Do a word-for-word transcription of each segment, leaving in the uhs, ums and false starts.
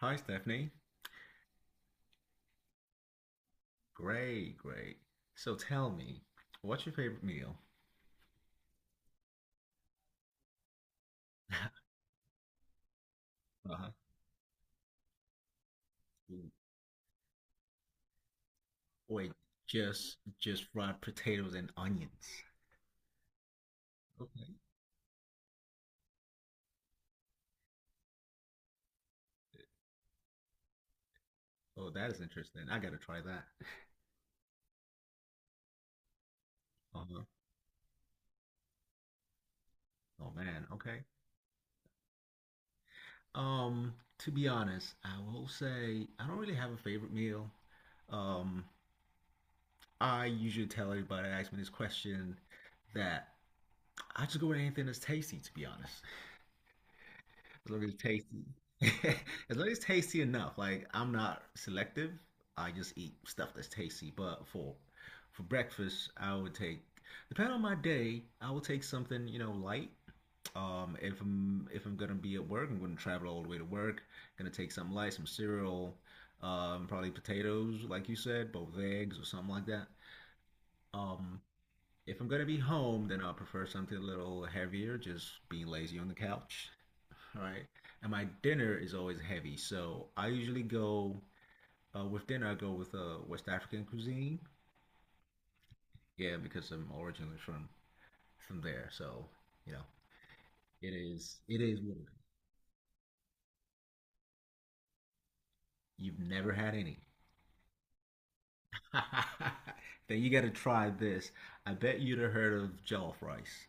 Hi, Stephanie. Great, great. So tell me, what's your favorite meal? Uh-huh. Wait, just just fried potatoes and onions. Okay. Oh, that is interesting. I gotta try that. Uh-huh. Oh man. Okay. Um, to be honest, I will say I don't really have a favorite meal. Um, I usually tell everybody that asks me this question that I just go with anything that's tasty, to be honest. As long as it's tasty. As long as it's tasty enough. Like I'm not selective. I just eat stuff that's tasty. But for for breakfast, I would take depending on my day, I will take something, you know, light. Um, if I'm if I'm gonna be at work, I'm gonna travel all the way to work. Gonna take something light, some cereal, um, probably potatoes, like you said, both eggs or something like that. Um, if I'm gonna be home, then I'll prefer something a little heavier, just being lazy on the couch. All right. And my dinner is always heavy, so I usually go uh, with dinner. I go with uh, West African cuisine. Yeah, because I'm originally from from there, so you know it is it is what it is. You've never had any. Then you gotta try this. I bet you'd have heard of jollof rice.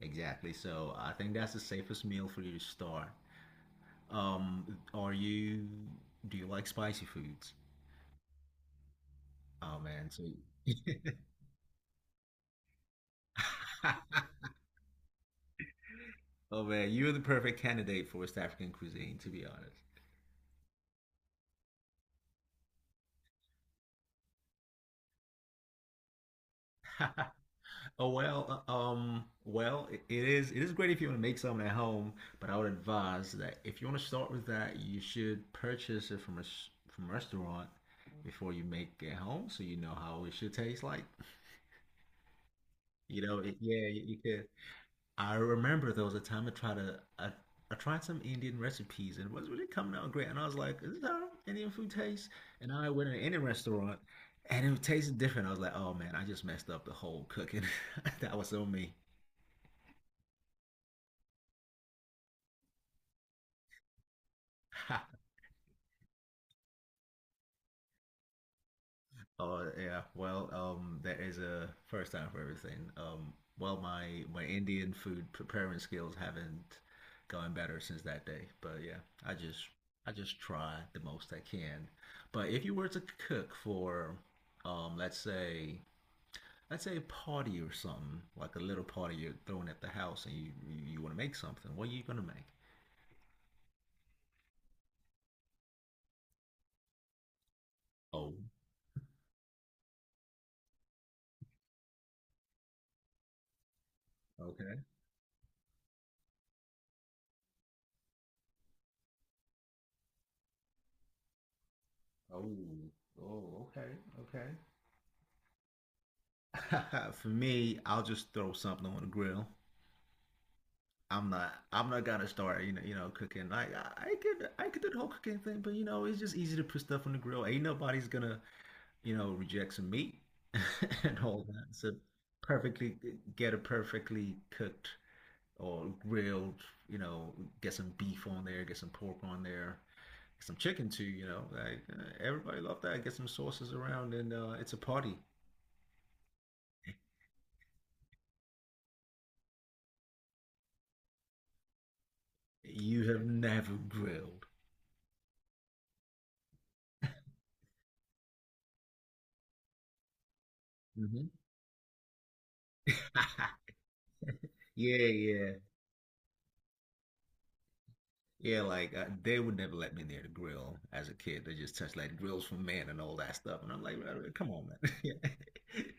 Exactly. So I think that's the safest meal for you to start. Um, are you? Do you like spicy foods? Oh man, so. Oh man, you're the perfect candidate for West African cuisine, to be honest. Oh well, uh, um, well, it it is it is great if you want to make something at home, but I would advise that if you want to start with that, you should purchase it from a s- from a restaurant before you make it home, so you know how it should taste like. You know, it, yeah, you, you could. I remember there was a time I tried a, I, I tried some Indian recipes and it was really coming out great. And I was like, is this how Indian food tastes? And I went to an Indian restaurant and it tasted different. I was like, oh man, I just messed up the whole cooking. That was on me. Oh yeah, well, um, there is a first time for everything. Um, well, my my Indian food preparing skills haven't gone better since that day. But yeah, I just I just try the most I can. But if you were to cook for, um, let's say let's say a party or something, like a little party you're throwing at the house, and you you, you want to make something, what are you gonna make? Oh, okay. Oh, oh, okay, okay. For me, I'll just throw something on the grill. I'm not. I'm not gonna start. You know. You know, cooking. Like I, I could. I could do the whole cooking thing, but you know, it's just easy to put stuff on the grill. Ain't nobody's gonna, you know, reject some meat and all that. So perfectly get a perfectly cooked or grilled. You know, get some beef on there. Get some pork on there. Get some chicken too. You know, like uh, everybody love that. Get some sauces around, and uh, it's a party. You have never grilled. Hmm Yeah, yeah. Yeah, like uh, they would never let me near the grill as a kid. They just touched like grills for men and all that stuff, and I'm like, "Uh, come on, man. Yeah.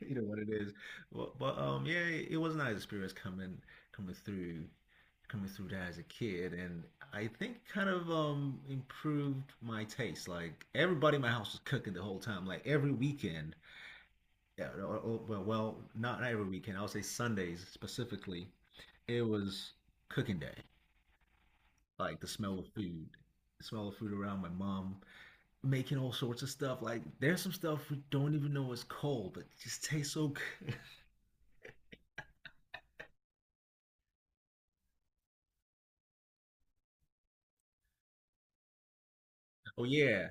You know what it is. But, but um, yeah, it was a nice experience coming coming through coming through that as a kid, and I think kind of um improved my taste. Like everybody in my house was cooking the whole time. Like every weekend, yeah, or, or, well, well, not every weekend. I would say Sundays specifically. It was cooking day like the smell of food, the smell of food around my mom, making all sorts of stuff. Like there's some stuff we don't even know is cold, but it just tastes so good. Oh yeah,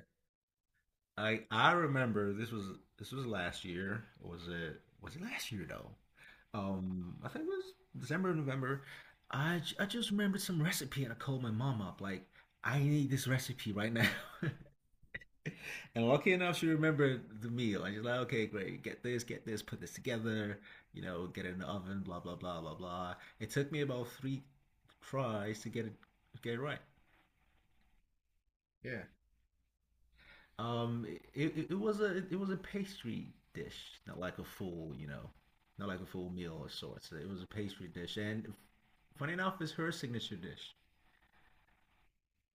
I I remember this was this was last year. Was it was it last year though? Um, I think it was December, November. I j- I just remembered some recipe and I called my mom up like I need this recipe right now. And lucky enough, she remembered the meal. And she's like, okay, great. Get this, get this, put this together, you know, get it in the oven, blah, blah, blah, blah, blah. It took me about three tries to get it get it right. Yeah. Um, it, it, it was a it was a pastry dish, not like a full, you know, not like a full meal of sorts. It was a pastry dish, and funny enough, it's her signature dish.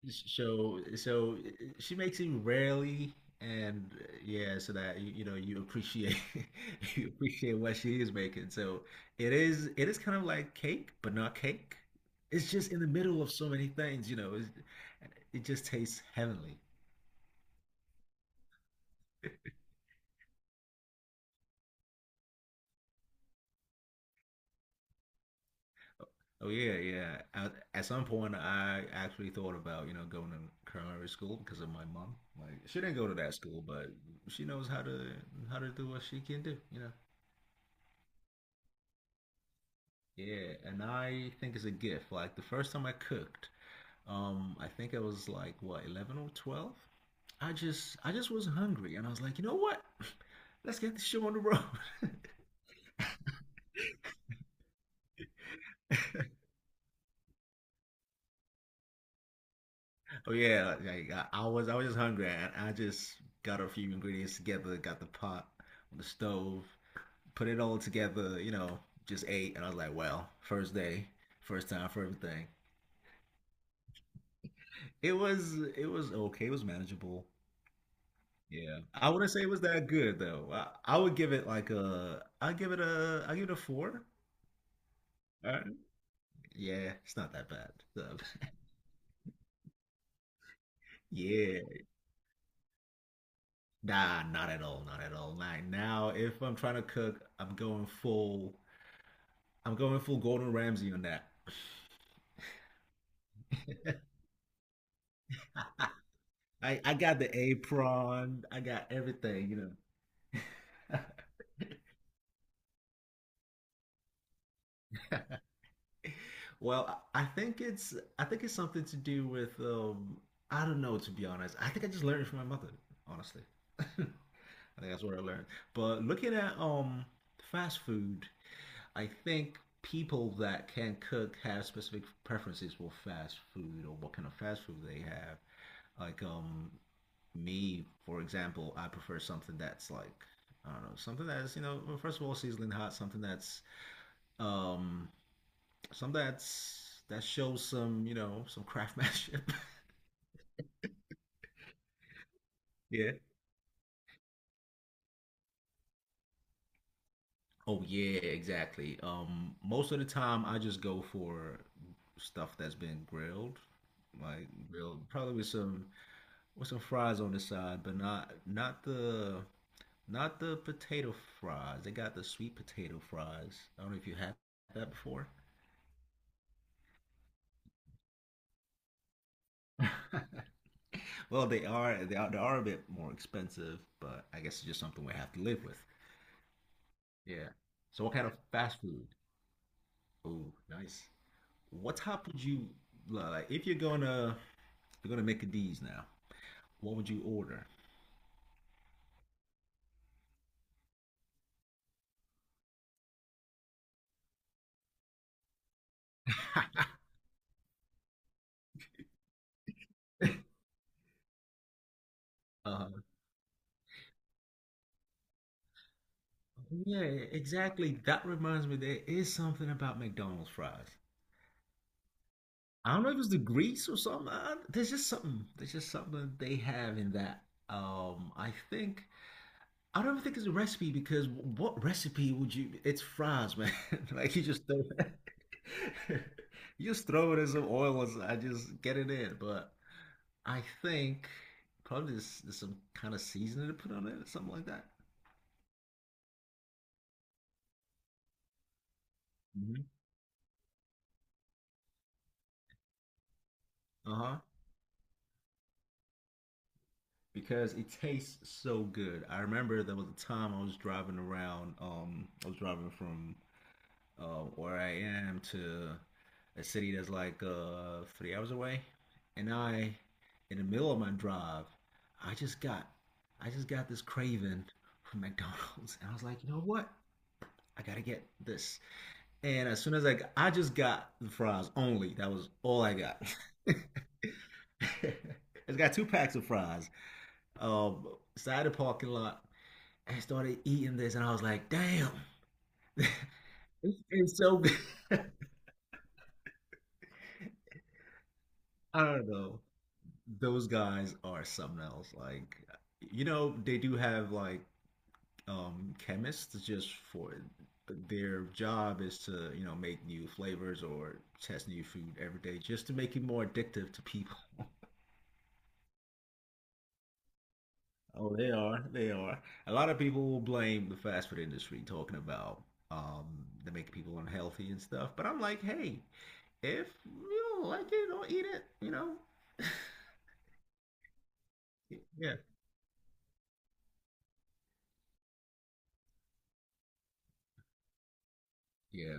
So, so she makes it rarely, and uh, yeah, so that you, you know you appreciate you appreciate what she is making. So it is it is kind of like cake, but not cake. It's just in the middle of so many things, you know. It's, it just tastes heavenly. Oh yeah, yeah. At, at some point, I actually thought about you know going to culinary school because of my mom. Like she didn't go to that school, but she knows how to how to do what she can do, you know. Yeah, and I think it's a gift. Like the first time I cooked, um, I think I was like what, eleven or twelve? I just I just was hungry and I was like, you know what? Let's get this show on the road. Oh yeah, like I, I was I was just hungry and I just got a few ingredients together, got the pot on the stove, put it all together, you know, just ate and I was like, well, first day, first time for everything. It was it was okay, it was manageable. Yeah, I wouldn't say it was that good though. I, I would give it like a, I give it a, I give it a four. All right. Yeah, it's not that bad. So, yeah, nah, not at all, not at all. Like now, if I'm trying to cook, I'm going full, I'm going full Gordon Ramsay on that. I I got the apron, I got everything, you know. Well, I think it's I think it's something to do with um I don't know to be honest. I think I just learned it from my mother, honestly. I think that's what I learned. But looking at um fast food, I think people that can cook have specific preferences for fast food or what kind of fast food they have. Like um me, for example, I prefer something that's like I don't know, something that's, you know, well, first of all, sizzling hot, something that's um some that's that shows some, you know, some craftsmanship. Yeah. Oh yeah, exactly. Um, most of the time I just go for stuff that's been grilled, like grilled, probably with some with some fries on the side, but not not the not the potato fries. They got the sweet potato fries. I don't know if you had that before. Well, they are they are they are a bit more expensive, but I guess it's just something we have to live with. Yeah. So what kind of fast food? Oh, nice. What type would you like if you're gonna you're gonna make a D's now? What would you order? Uh, yeah, exactly. That reminds me, there is something about McDonald's fries. I don't know if it's the grease or something. I, there's just something. There's just something they have in that. Um, I think I don't think it's a recipe because what recipe would you? It's fries, man. Like you just throw, you just throw it in some oil and I just get it in. But I think probably there's, there's some kind of seasoning to put on it, something like that. Hmm Uh-huh. Because it tastes so good. I remember there was a time I was driving around. Um, I was driving from uh, where I am to a city that's like uh, three hours away, and I, in the middle of my drive, I just got, I just got this craving for McDonald's, and I was like, you know what? I gotta get this. And as soon as I, got, I just got the fries only. That was all I got. I has got two packs of fries. Um, side of the parking lot. I started eating this, and I was like, damn, it's, it's so good. I don't know. Those guys are something else. Like, you know, they do have like um chemists just for their job is to, you know, make new flavors or test new food every day just to make it more addictive to people. Oh, they are. They are. A lot of people will blame the fast food industry talking about um they make people unhealthy and stuff. But I'm like, hey, if you don't like it, don't eat it, you know? Yeah. Yeah.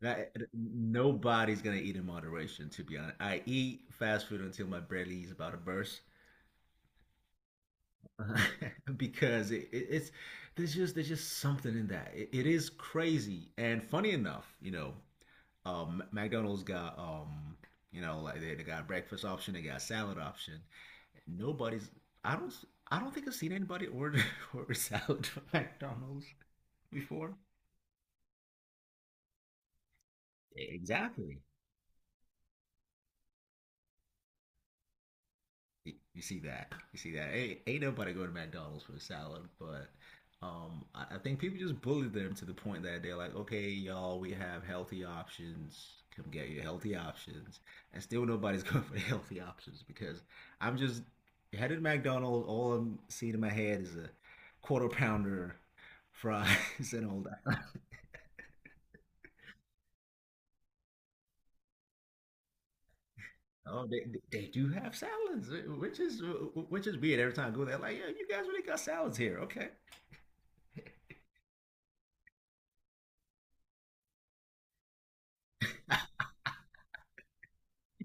That, nobody's gonna eat in moderation, to be honest. I eat fast food until my belly is about to burst, because it, it, it's there's just there's just something in that. It, it is crazy and funny enough, you know. Um, McDonald's got um, you know, like they, they got breakfast option, they got salad option. Nobody's I don't I don't think I've seen anybody order order salad from McDonald's before. Exactly. You see that. You see that. Ain't, ain't nobody go to McDonald's for a salad, but um, I, I think people just bully them to the point that they're like, okay, y'all, we have healthy options. Come get your healthy options. And still nobody's going for the healthy options because I'm just headed to McDonald's. All I'm seeing in my head is a quarter pounder, fries, and all that. Oh, they they they do have salads, which is which is weird. Every time I go there, like, yeah, you guys really got salads here, okay?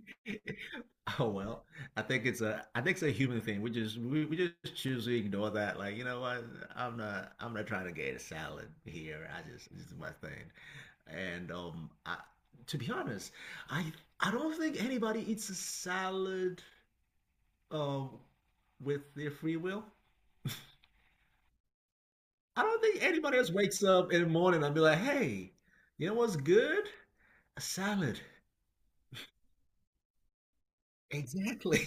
Oh well, I think it's a I think it's a human thing. We just we, we just choose to ignore that. Like, you know what? I'm not I'm not trying to get a salad here. I just this is my thing. And um I to be honest, I I don't think anybody eats a salad um with their free will. I don't think anybody else wakes up in the morning and be like, "Hey, you know what's good? A salad." Exactly.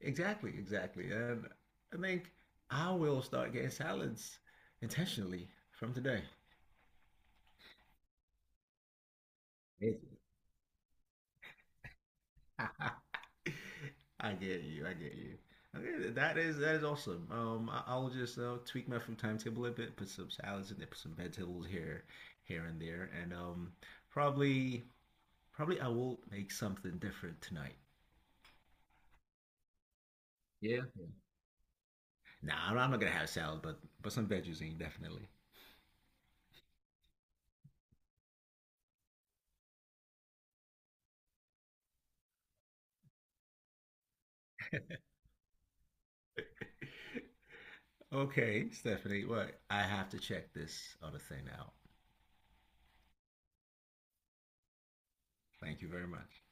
Exactly, exactly. And I think I will start getting salads intentionally from today. Amazing. I get you. I get you. Okay, that is that is awesome. Um, I, I'll just uh, tweak my food timetable a bit, put some salads in there, put some vegetables here, here and there, and um, probably probably I will make something different tonight. Yeah. Nah, I'm I'm not gonna have salad, but but some veggies in definitely. Okay, Stephanie, what? I have to check this other thing out. Thank you very much.